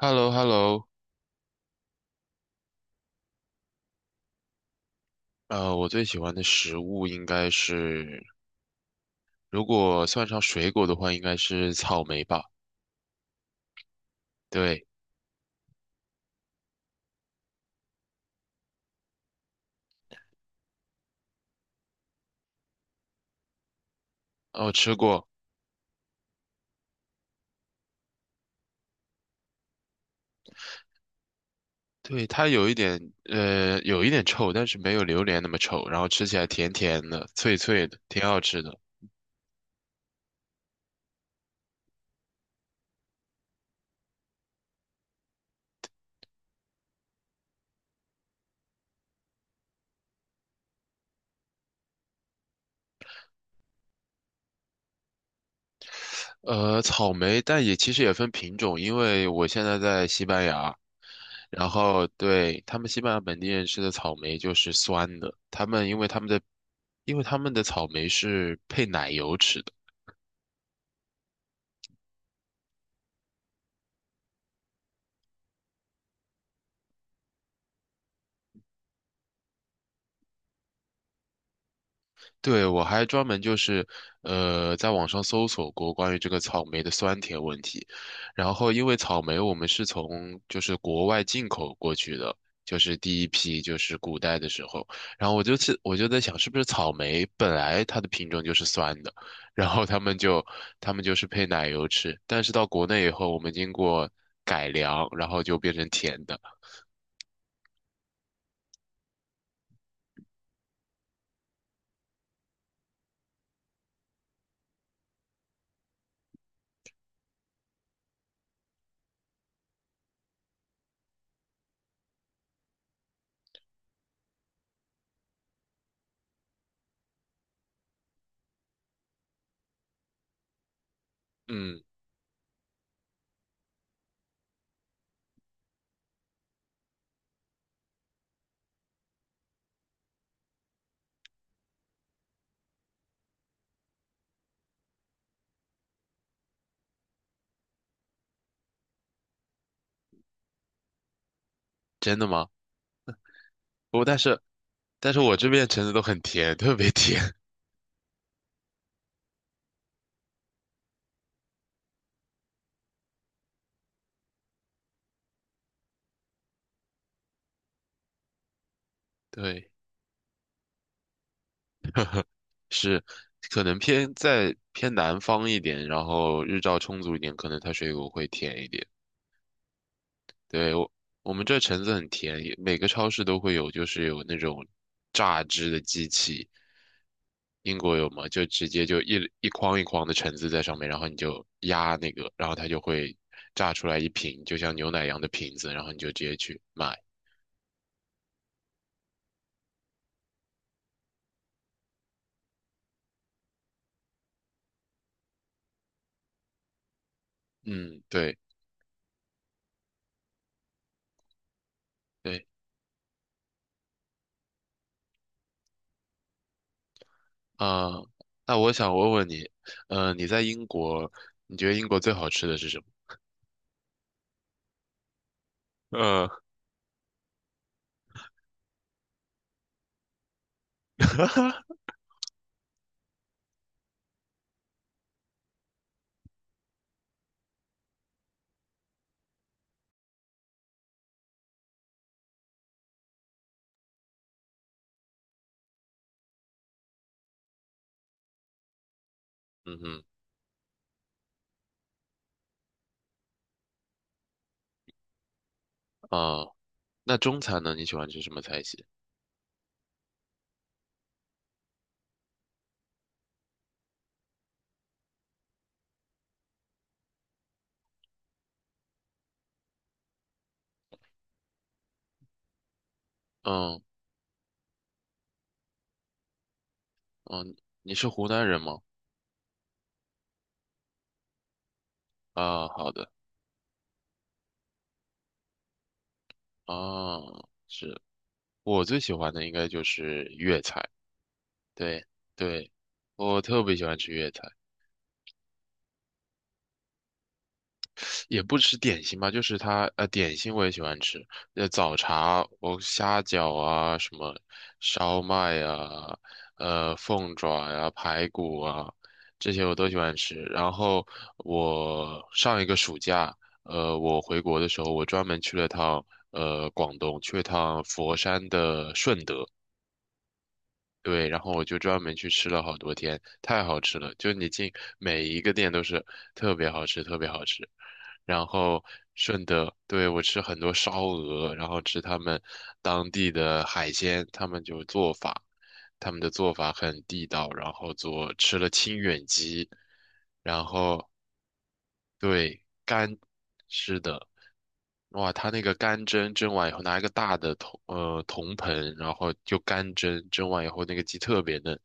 h e l l o h e l l o 我最喜欢的食物应该是，如果算上水果的话，应该是草莓吧。对，哦，吃过，对，它有一点臭，但是没有榴莲那么臭，然后吃起来甜甜的、脆脆的，挺好吃的。草莓，但也其实也分品种，因为我现在在西班牙，然后对，他们西班牙本地人吃的草莓就是酸的，他们因为他们的，因为他们的草莓是配奶油吃的。对，我还专门就是，在网上搜索过关于这个草莓的酸甜问题。然后，因为草莓我们是从就是国外进口过去的，就是第一批就是古代的时候。然后我就在想，是不是草莓本来它的品种就是酸的，然后他们就是配奶油吃。但是到国内以后，我们经过改良，然后就变成甜的。嗯，真的吗？不过但是我这边橙子都很甜，特别甜。对。是可能在偏南方一点，然后日照充足一点，可能它水果会甜一点。对，我们这橙子很甜，也每个超市都会有，就是有那种榨汁的机器。英国有吗？就直接就一筐一筐的橙子在上面，然后你就压那个，然后它就会榨出来一瓶，就像牛奶一样的瓶子，然后你就直接去买。嗯，对对啊，那我想问问你，你在英国，你觉得英国最好吃的是什么？呃，嗯哼，啊、那中餐呢？你喜欢吃什么菜系？嗯嗯，你是湖南人吗？啊，好的，啊，是我最喜欢的应该就是粤菜，对对，我特别喜欢吃粤菜。也不吃点心吧，就是它点心我也喜欢吃，早茶，我虾饺啊，什么烧麦啊，凤爪呀、排骨啊，这些我都喜欢吃。然后我上一个暑假，我回国的时候，我专门去了趟广东，去了趟佛山的顺德。对，然后我就专门去吃了好多天，太好吃了！就你进每一个店都是特别好吃，特别好吃。然后顺德，对，我吃很多烧鹅，然后吃他们当地的海鲜，他们就做法，他们的做法很地道，然后吃了清远鸡，然后对干，是的，哇，他那个干蒸蒸完以后，拿一个大的铜盆，然后就干蒸，蒸完以后那个鸡特别嫩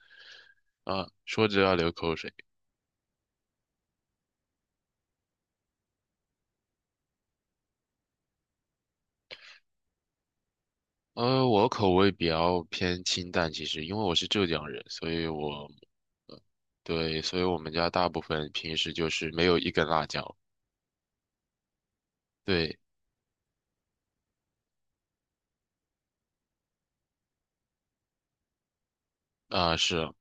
啊，说着要流口水。我口味比较偏清淡，其实因为我是浙江人，所以对，所以我们家大部分平时就是没有一根辣椒。对，啊、是啊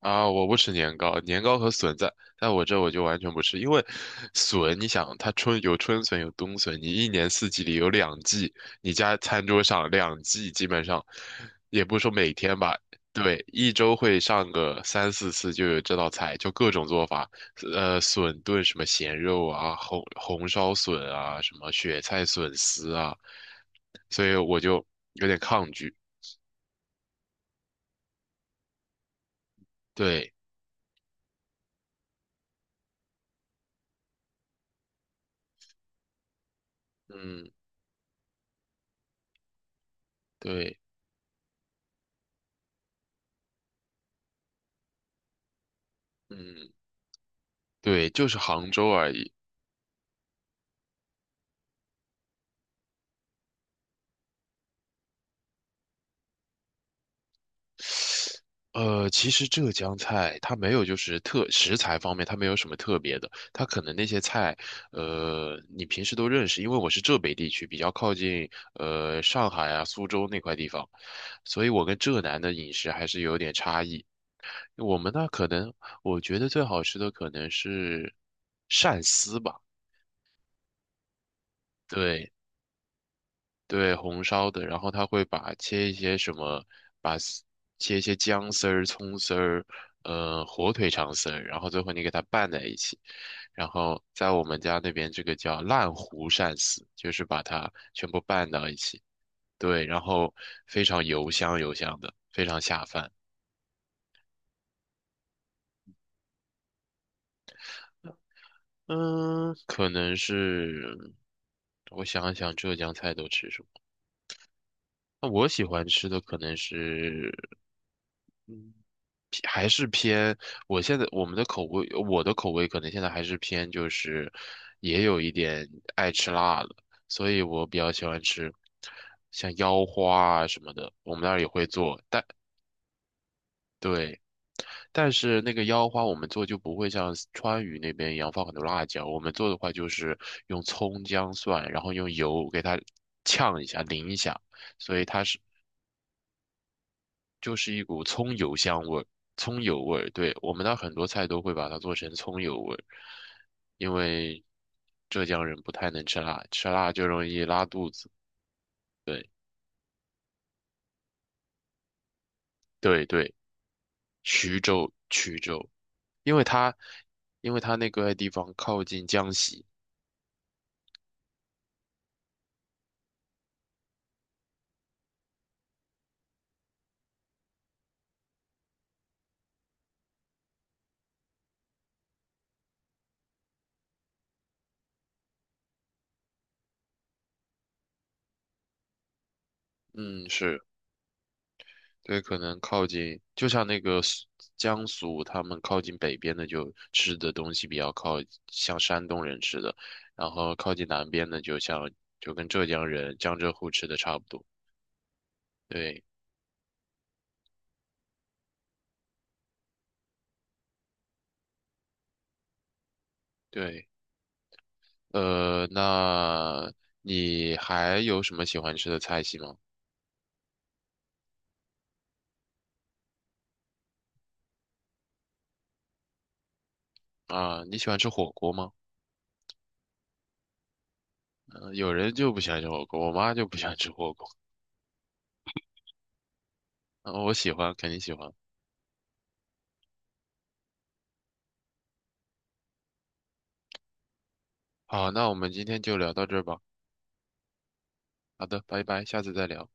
啊，我不吃年糕，年糕和笋在我这我就完全不吃，因为笋，你想它春有春笋有冬笋，你一年四季里有两季，你家餐桌上两季基本上，也不是说每天吧，对，一周会上个三四次就有这道菜，就各种做法，笋炖什么咸肉啊，红烧笋啊，什么雪菜笋丝啊，所以我就有点抗拒，对，嗯，对。嗯。对，就是杭州而已。其实浙江菜它没有，就是食材方面它没有什么特别的，它可能那些菜，你平时都认识，因为我是浙北地区，比较靠近上海啊、苏州那块地方，所以我跟浙南的饮食还是有点差异。我们那可能，我觉得最好吃的可能是鳝丝吧，对，对，红烧的，然后他会把切一些什么，把丝切一些姜丝儿、葱丝儿，火腿肠丝儿，然后最后你给它拌在一起，然后在我们家那边这个叫烂糊鳝丝，就是把它全部拌到一起，对，然后非常油香油香的，非常下饭。嗯，可能是我想一想，浙江菜都吃什么？那我喜欢吃的可能是偏还是偏，我现在我们的口味，我的口味可能现在还是偏就是，也有一点爱吃辣的，所以我比较喜欢吃像腰花啊什么的，我们那儿也会做，但对，但是那个腰花我们做就不会像川渝那边一样放很多辣椒，我们做的话就是用葱姜蒜，然后用油给它呛一下淋一下，所以它是。就是一股葱油香味儿，葱油味儿。对，我们那很多菜都会把它做成葱油味儿，因为浙江人不太能吃辣，吃辣就容易拉肚子。对对对，衢州衢州，因为它因为它那个地方靠近江西，嗯，是。对，可能靠近，就像那个江苏，他们靠近北边的就吃的东西比较像山东人吃的，然后靠近南边的就跟浙江人、江浙沪吃的差不多。对对，那你还有什么喜欢吃的菜系吗？啊，你喜欢吃火锅吗？有人就不喜欢吃火锅，我妈就不喜欢吃火锅。啊我喜欢，肯定喜欢。好，那我们今天就聊到这儿吧。好的，拜拜，下次再聊。